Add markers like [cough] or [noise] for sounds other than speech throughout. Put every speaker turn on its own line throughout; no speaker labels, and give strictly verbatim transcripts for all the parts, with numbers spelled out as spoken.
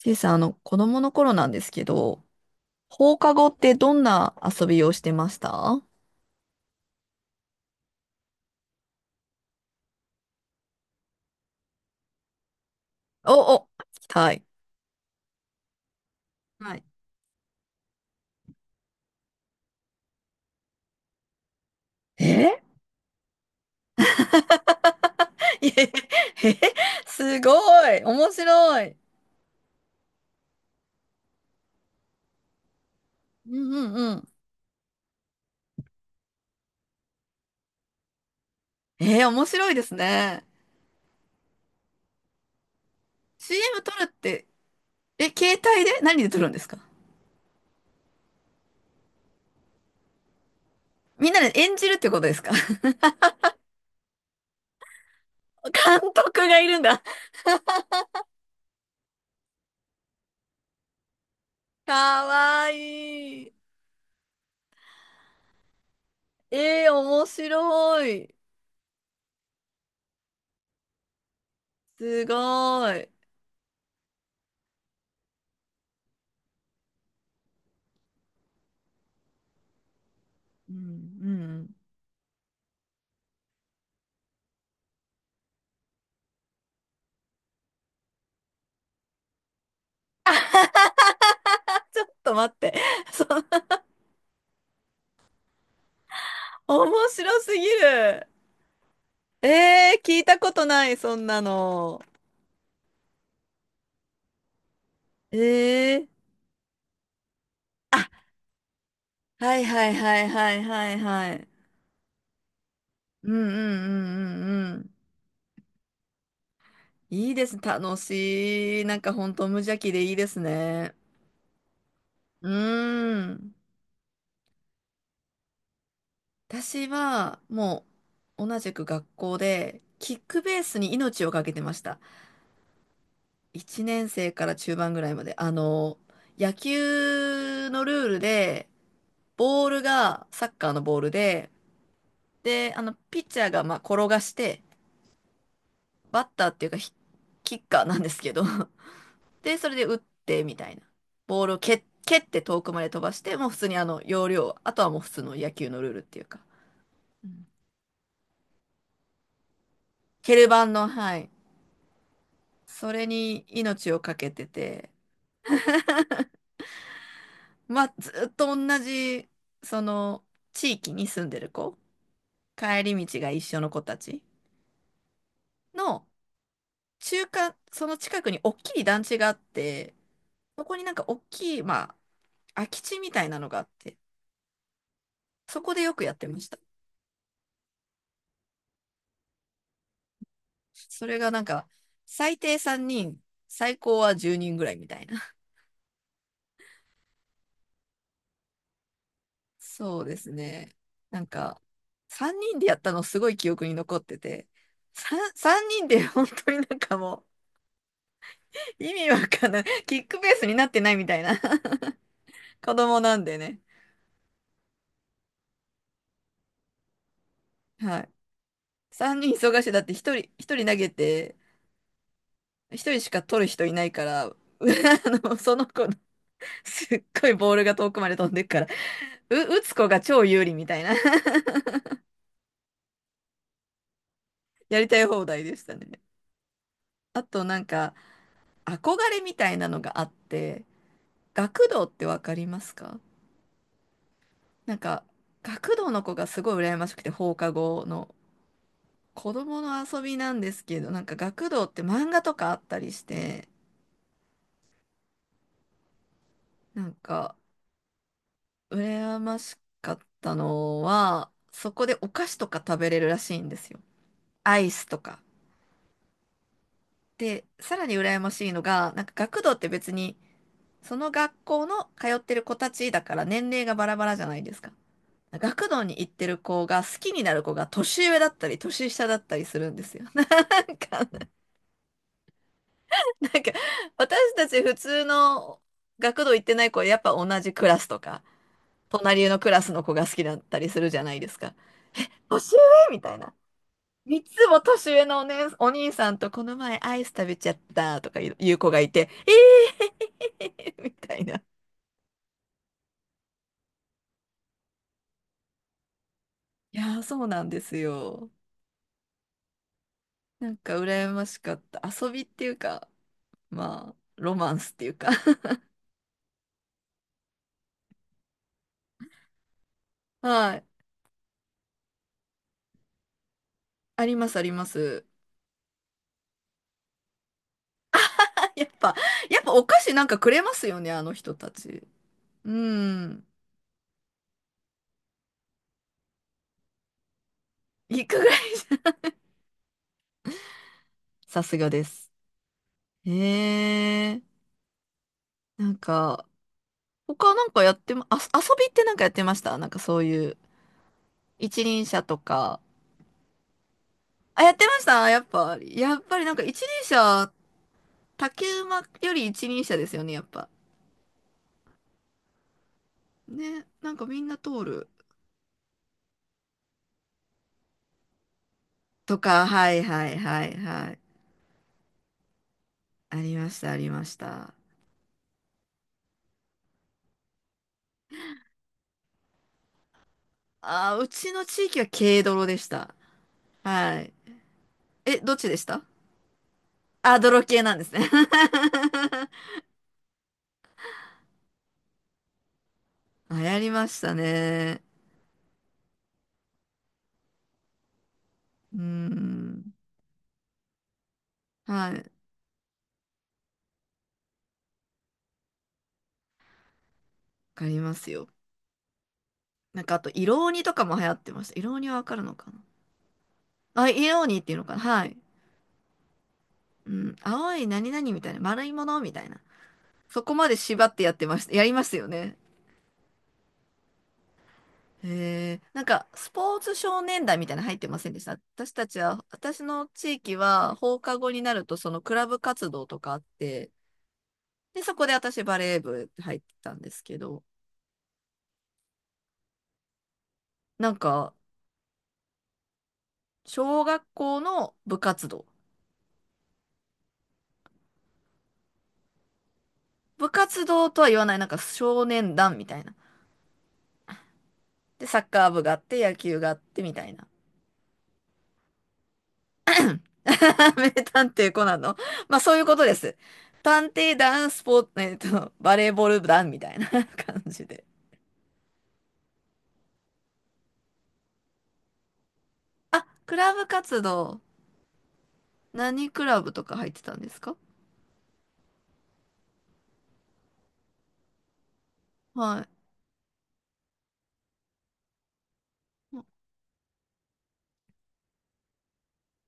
ちいさん、あの、子供の頃なんですけど、放課後ってどんな遊びをしてました？お、お、聞きたい。はい。え [laughs] いえ、えすごい、面白い。うんうんうん。えー、面白いですね。シーエム 撮るって、え、携帯で何で撮るんですか？みんなで演じるってことですか？ [laughs] 監督がいるんだ。かわいい。えー、面白い。すごい。うんうん。ちょっと待って。[laughs] その面白すぎる。えー、聞いたことない、そんなの。えー、あ、はいはいはいはいはいはい。うんうんうんうんうん。いいです。楽しい。なんか本当無邪気でいいですね。うーん。私はもう同じく学校でキックベースに命をかけてました。いちねん生から中盤ぐらいまで。あの、野球のルールで、ボールがサッカーのボールで、で、あの、ピッチャーがまあ転がして、バッターっていうかヒ、キッカーなんですけど [laughs] で、それで打ってみたいな。ボールを蹴、蹴って遠くまで飛ばして、もう普通にあの、要領、あとはもう普通の野球のルールっていうか、うん。蹴る版の、はい、それに命をかけてて、まあ、ずっと同じ、その、地域に住んでる子、帰り道が一緒の子たちの、中間、その近くに大きい団地があって、そこになんか大きい、まあ、空き地みたいなのがあって、そこでよくやってました。それがなんか、最低さんにん、最高はじゅうにんぐらいみたいな。[laughs] そうですね。なんか、さんにんでやったのすごい記憶に残ってて、さん, さんにんで本当になんかもう、意味わかんない。キックベースになってないみたいな。[laughs] 子供なんでね。はい。さんにん忙しい。だってひとり、ひとり投げて、ひとりしか取る人いないから、[laughs] あの、その子のすっごいボールが遠くまで飛んでっからう、打つ子が超有利みたいな [laughs] やりたい放題でしたね。あとなんか憧れみたいなのがあって、学童ってわかりますか？なんか学童の子がすごい羨ましくて放課後の子供の遊びなんですけど、なんか学童って漫画とかあったりして、なんか羨ましかったのは、そこでお菓子とか食べれるらしいんですよ。アイスとか。で、さらに羨ましいのが、なんか学童って別にその学校の通ってる子たちだから年齢がバラバラじゃないですか。学童に行ってる子が好きになる子が年上だったり年下だったりするんですよ。[laughs] なんか、なんか私たち普通の学童行ってない子はやっぱ同じクラスとか、隣のクラスの子が好きだったりするじゃないですか。年上みたいな。三つも年上のお,、ね、お兄さんとこの前アイス食べちゃったとかいう子がいて、えー、[laughs] みたいな。いやー、そうなんですよ。なんか羨ましかった。遊びっていうか、まあ、ロマンスっていうか [laughs] はい。あります、あります。[laughs] あ、やっぱ、やっぱお菓子なんかくれますよね、あの人たち。うん。いくぐらいじゃ。[laughs] さすがです。へえ。なんか、他なんかやってま、あ、遊びってなんかやってました？なんかそういう、一輪車とか。あ、やってましたやっぱ、やっぱりなんか一輪車、竹馬より一輪車ですよね、やっぱ。ね、なんかみんな通る。とか、はいはいはいはい。ありました、ありました。あー、うちの地域は軽泥でした。はい。え、どっちでした？あ、泥系なんですね。[laughs] 流行りましたね。うーん。はい。わかりますよ。なんかあと、色鬼とかも流行ってました。色鬼はわかるのかなあ、色鬼っていうのかな？はい。うん。青い何々みたいな、丸いものみたいな。そこまで縛ってやってました。やりますよね。へえ、なんか、スポーツ少年団みたいなの入ってませんでした？私たちは、私の地域は放課後になると、そのクラブ活動とかあって、で、そこで私バレー部入ってたんですけど、なんか、小学校の部活動。部活動とは言わない、なんか少年団みたいな。で、サッカー部があって、野球があってみたいな。[laughs] 名探偵コナンの。まあ、そういうことです。探偵団、スポーツ、えっと、バレーボール団みたいな感じで。あ、クラブ活動。何クラブとか入ってたんですか？はい。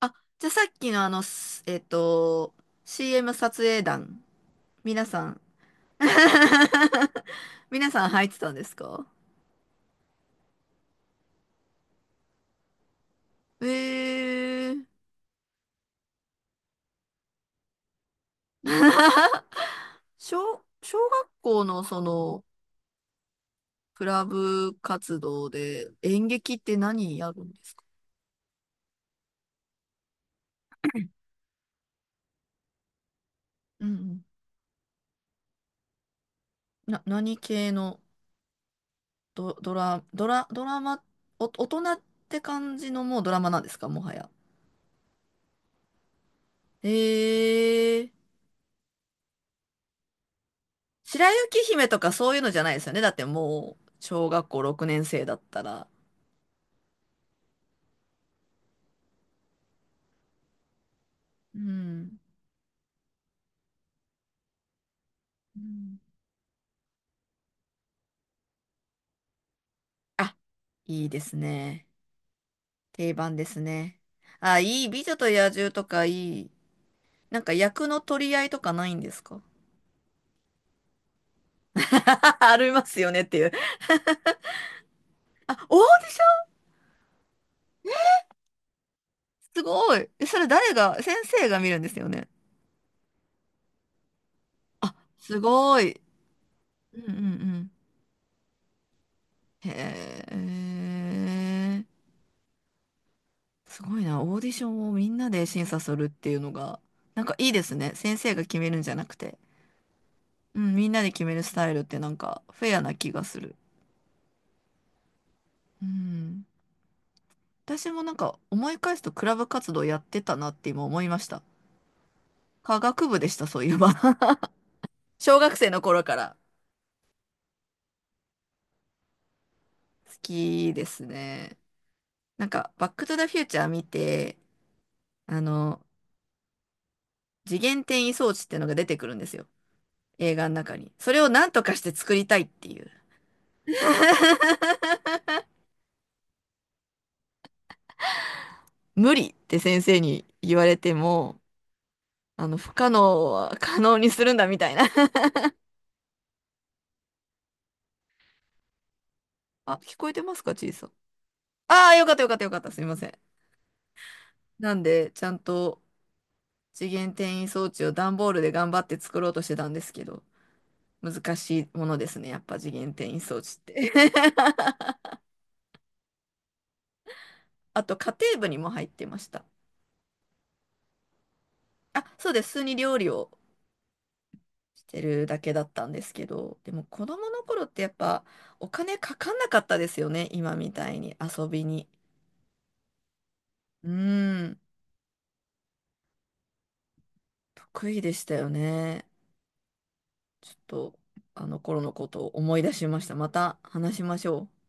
あ、じゃあさっきのあの、すえっと、シーエム 撮影団。皆さん。[laughs] 皆さん入ってたんですか？えー。[laughs] 小、小学校のその、クラブ活動で演劇って何やるんですか？うんうん。な、何系の？ド、ドラ、ドラ、ドラマ、お、大人って感じのもうドラマなんですかもはや？ええ、白雪姫とかそういうのじゃないですよね。だってもう、小学校ろくねん生だったら。うん。うんあ、いいですね。定番ですね。あ、いい。美女と野獣とかいい。なんか役の取り合いとかないんですか？ [laughs] ありますよねっていう。あ、オーディション、すごい。えそれ誰が、先生が見るんですよね。あ、すごい。うんうんうん。へえ。すごいな。オーディションをみんなで審査するっていうのが、なんかいいですね。先生が決めるんじゃなくて。うん、みんなで決めるスタイルってなんかフェアな気がする。うん。私もなんか思い返すとクラブ活動やってたなって今思いました。科学部でした、そういえば。[laughs] 小学生の頃から好きですね。なんか、バックトゥザフューチャー見て、あの、次元転移装置ってのが出てくるんですよ。映画の中に。それをなんとかして作りたいっていう。[laughs] 無理って先生に言われても、あの、不可能は可能にするんだみたいな [laughs] あ、聞こえてますか、ちいさん？ああ、よかったよかったよかった。すみません。なんで、ちゃんと次元転移装置を段ボールで頑張って作ろうとしてたんですけど、難しいものですね。やっぱ次元転移装置って [laughs] あと、家庭部にも入ってました。あ、そうです。普通に料理をしてるだけだったんですけど、でも子供の頃ってやっぱお金かかんなかったですよね。今みたいに遊びに。うーん。得意でしたよね。ちょっと、あの頃のことを思い出しました。また話しましょう。